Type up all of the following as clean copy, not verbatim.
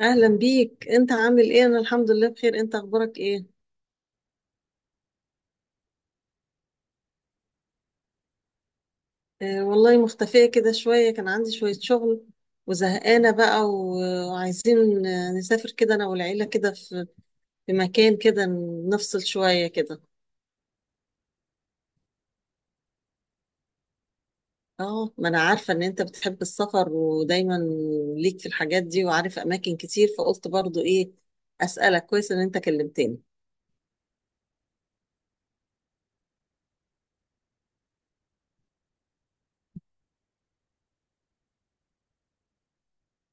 اهلا بيك، انت عامل ايه؟ انا الحمد لله بخير. انت اخبارك ايه؟ آه والله، مختفية كده شوية، كان عندي شوية شغل وزهقانة بقى وعايزين نسافر كده انا والعيلة كده في في مكان كده، نفصل شوية كده. اه، ما انا عارفة ان انت بتحب السفر ودايما ليك في الحاجات دي وعارف اماكن كتير، فقلت برضو ايه اسألك. كويس ان انت كلمتني.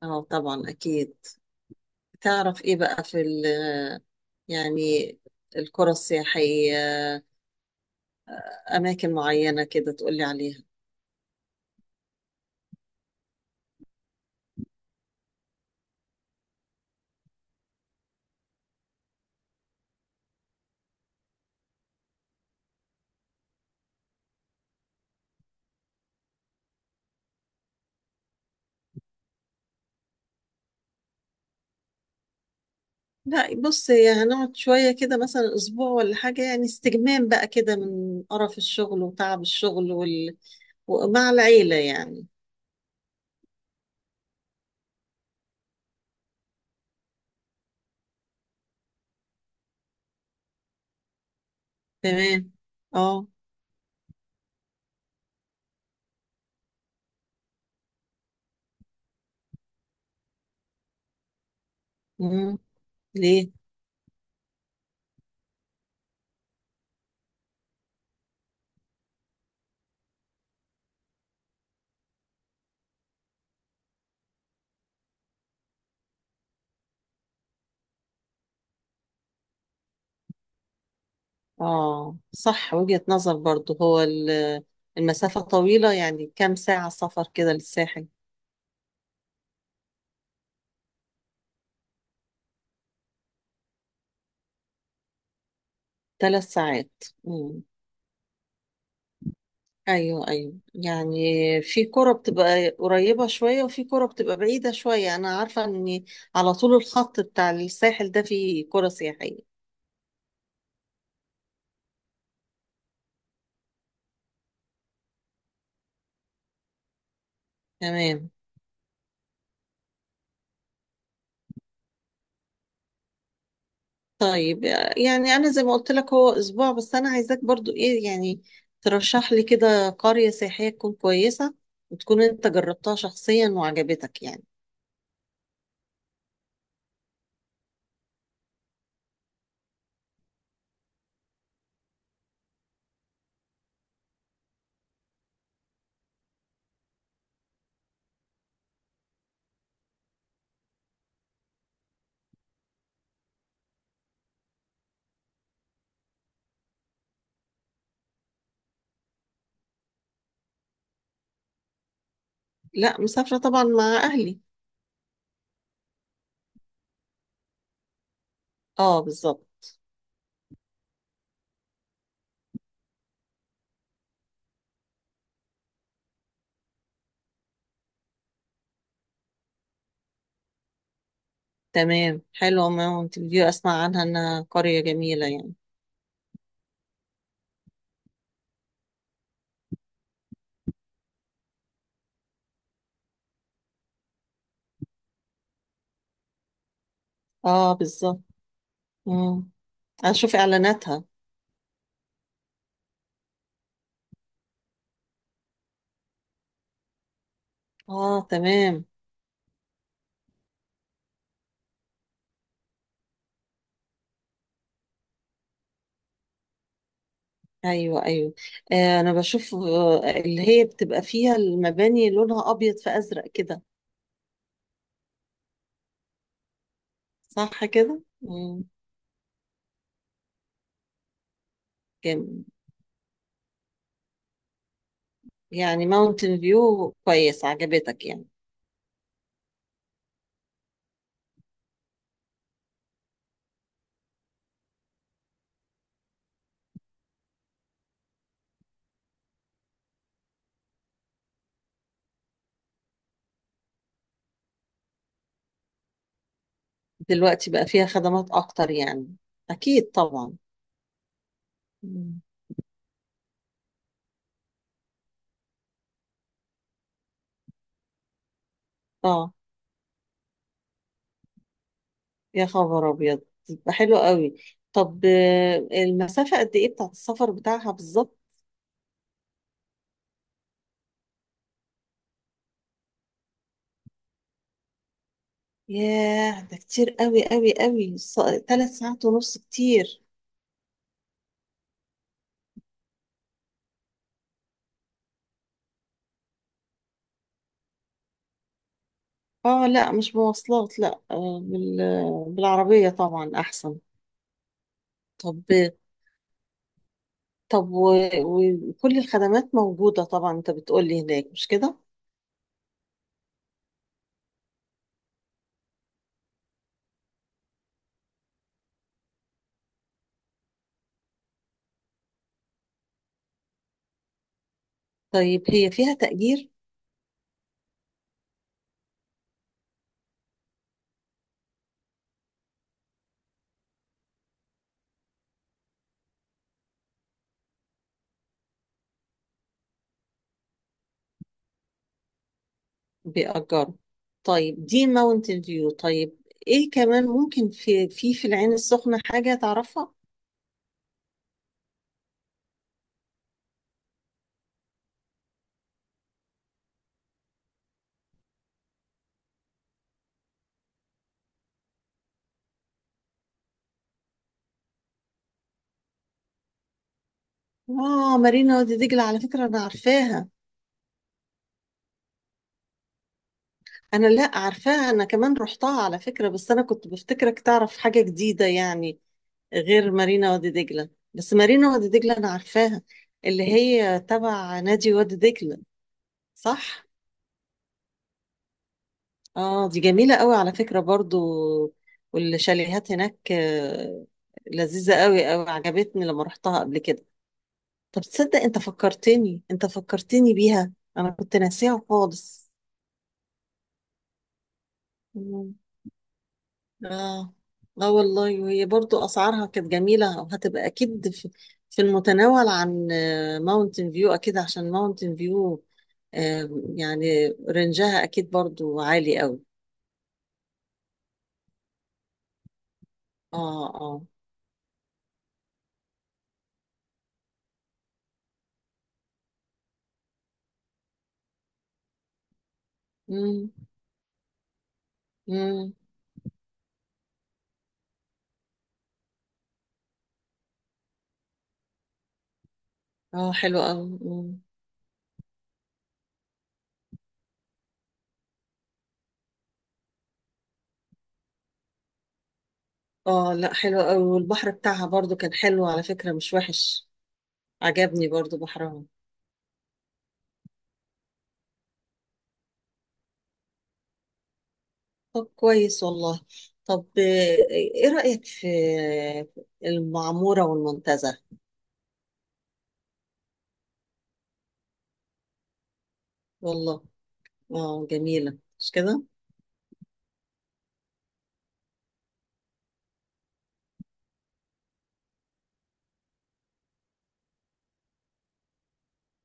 اه طبعا اكيد. تعرف ايه بقى في ال يعني القرى السياحية، اماكن معينه كده تقولي عليها؟ لا بص، هي هنقعد شويه كده مثلا اسبوع ولا حاجه، يعني استجمام بقى كده من قرف الشغل وتعب الشغل ومع العيله يعني. تمام. اه. مم. ليه؟ اه صح، وجهه نظر برضو. هو المسافه طويله، يعني كام ساعه سفر كده للساحل؟ 3 ساعات؟ مم. ايوه ايوه، يعني في كرة بتبقى قريبة شوية وفي كرة بتبقى بعيدة شوية. انا عارفة ان على طول الخط بتاع الساحل ده فيه كرة سياحية. تمام. طيب يعني انا زي ما قلت لك هو اسبوع، بس انا عايزاك برضو ايه يعني، ترشح لي كده قرية سياحية تكون كويسة، وتكون انت جربتها شخصيا وعجبتك يعني. لا، مسافرة طبعا مع اهلي. اه بالظبط. تمام، حلوة ماونتن فيو، اسمع عنها انها قرية جميلة يعني. اه بالظبط. مم. اشوف اعلاناتها. اه تمام. ايوه ايوه. آه انا بشوف، اللي هي بتبقى فيها المباني لونها ابيض في ازرق كده. صح كده، جامد. يعني ماونتن فيو كويس، عجبتك يعني. دلوقتي بقى فيها خدمات اكتر يعني، اكيد طبعا. مم. اه. يا خبر ابيض، تبقى حلو قوي. طب المسافة قد ايه بتاعت السفر بتاعها بالظبط؟ ياه، ده كتير قوي قوي قوي، 3 ساعات ونص كتير. اه لا، مش بمواصلات، لا، بالعربية طبعا احسن. طب، طب و- وكل الخدمات موجودة طبعا، انت بتقولي هناك، مش كده؟ طيب هي فيها تأجير؟ بيأجروا. طيب دي ماونتن فيو. طيب ايه كمان ممكن في في العين السخنة حاجة تعرفها؟ اه، مارينا وادي دجلة، على فكرة انا عارفاها. انا لا عارفاها، انا كمان رحتها على فكرة، بس انا كنت بفتكرك تعرف حاجة جديدة يعني، غير مارينا وادي دجلة. بس مارينا وادي دجلة انا عارفاها، اللي هي تبع نادي وادي دجلة، صح؟ اه، دي جميلة قوي على فكرة برضو، والشاليهات هناك لذيذة قوي قوي، عجبتني لما رحتها قبل كده. طب تصدق انت فكرتني، بيها، انا كنت ناسيها خالص. اه. اه والله، وهي برضو اسعارها كانت جميله، وهتبقى اكيد في المتناول عن ماونتن فيو، اكيد عشان ماونتن فيو يعني رنجها اكيد برضو عالي قوي. اه اه. امم امم. اه حلو قوي. اه لا، حلو قوي، والبحر بتاعها برضو كان حلو على فكره، مش وحش، عجبني برضو بحرها. طب كويس والله. طب ايه رايك في المعموره والمنتزه؟ والله. اه جميلة مش كده؟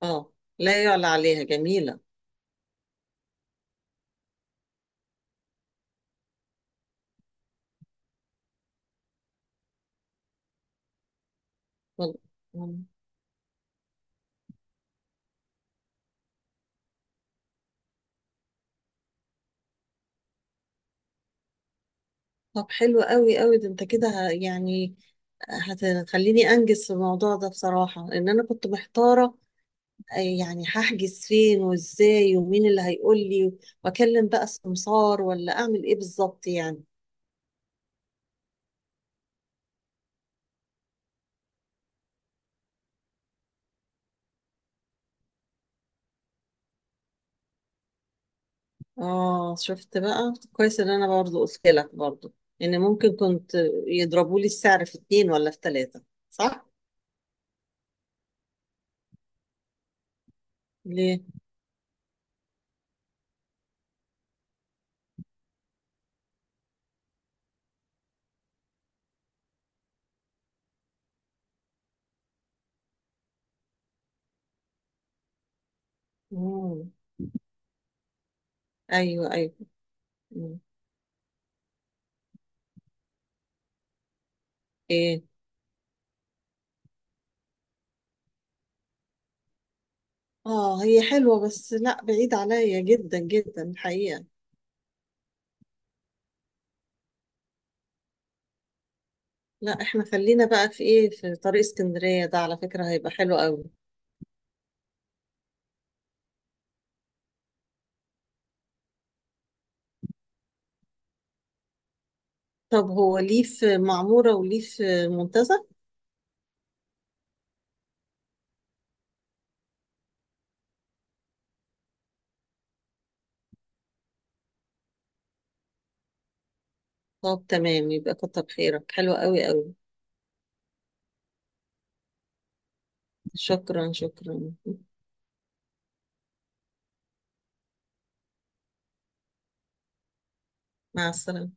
اه لا يعلى عليها، جميلة. وال- مم. طب حلو قوي قوي، ده انت كده يعني هتخليني انجز في الموضوع ده بصراحة، لان انا كنت محتارة، يعني هحجز فين وازاي ومين اللي هيقول لي، واكلم بقى سمسار ولا اعمل ايه بالظبط يعني. اه شفت بقى، كويس ان انا برضو قلت لك برضو ان ممكن كنت يضربوا لي السعر في 2 ولا في 3، صح؟ ليه؟ مم. ايوه ايوه. مم. ايه. اه هي حلوة، بس لا بعيد عليا جدا جدا الحقيقة. لا احنا خلينا بقى في ايه، في طريق اسكندرية ده على فكرة، هيبقى حلو قوي. طب هو ليه في معمورة وليه في منتزه؟ طب تمام، يبقى كتر خيرك، حلو قوي قوي. شكرا شكرا. مع السلامة.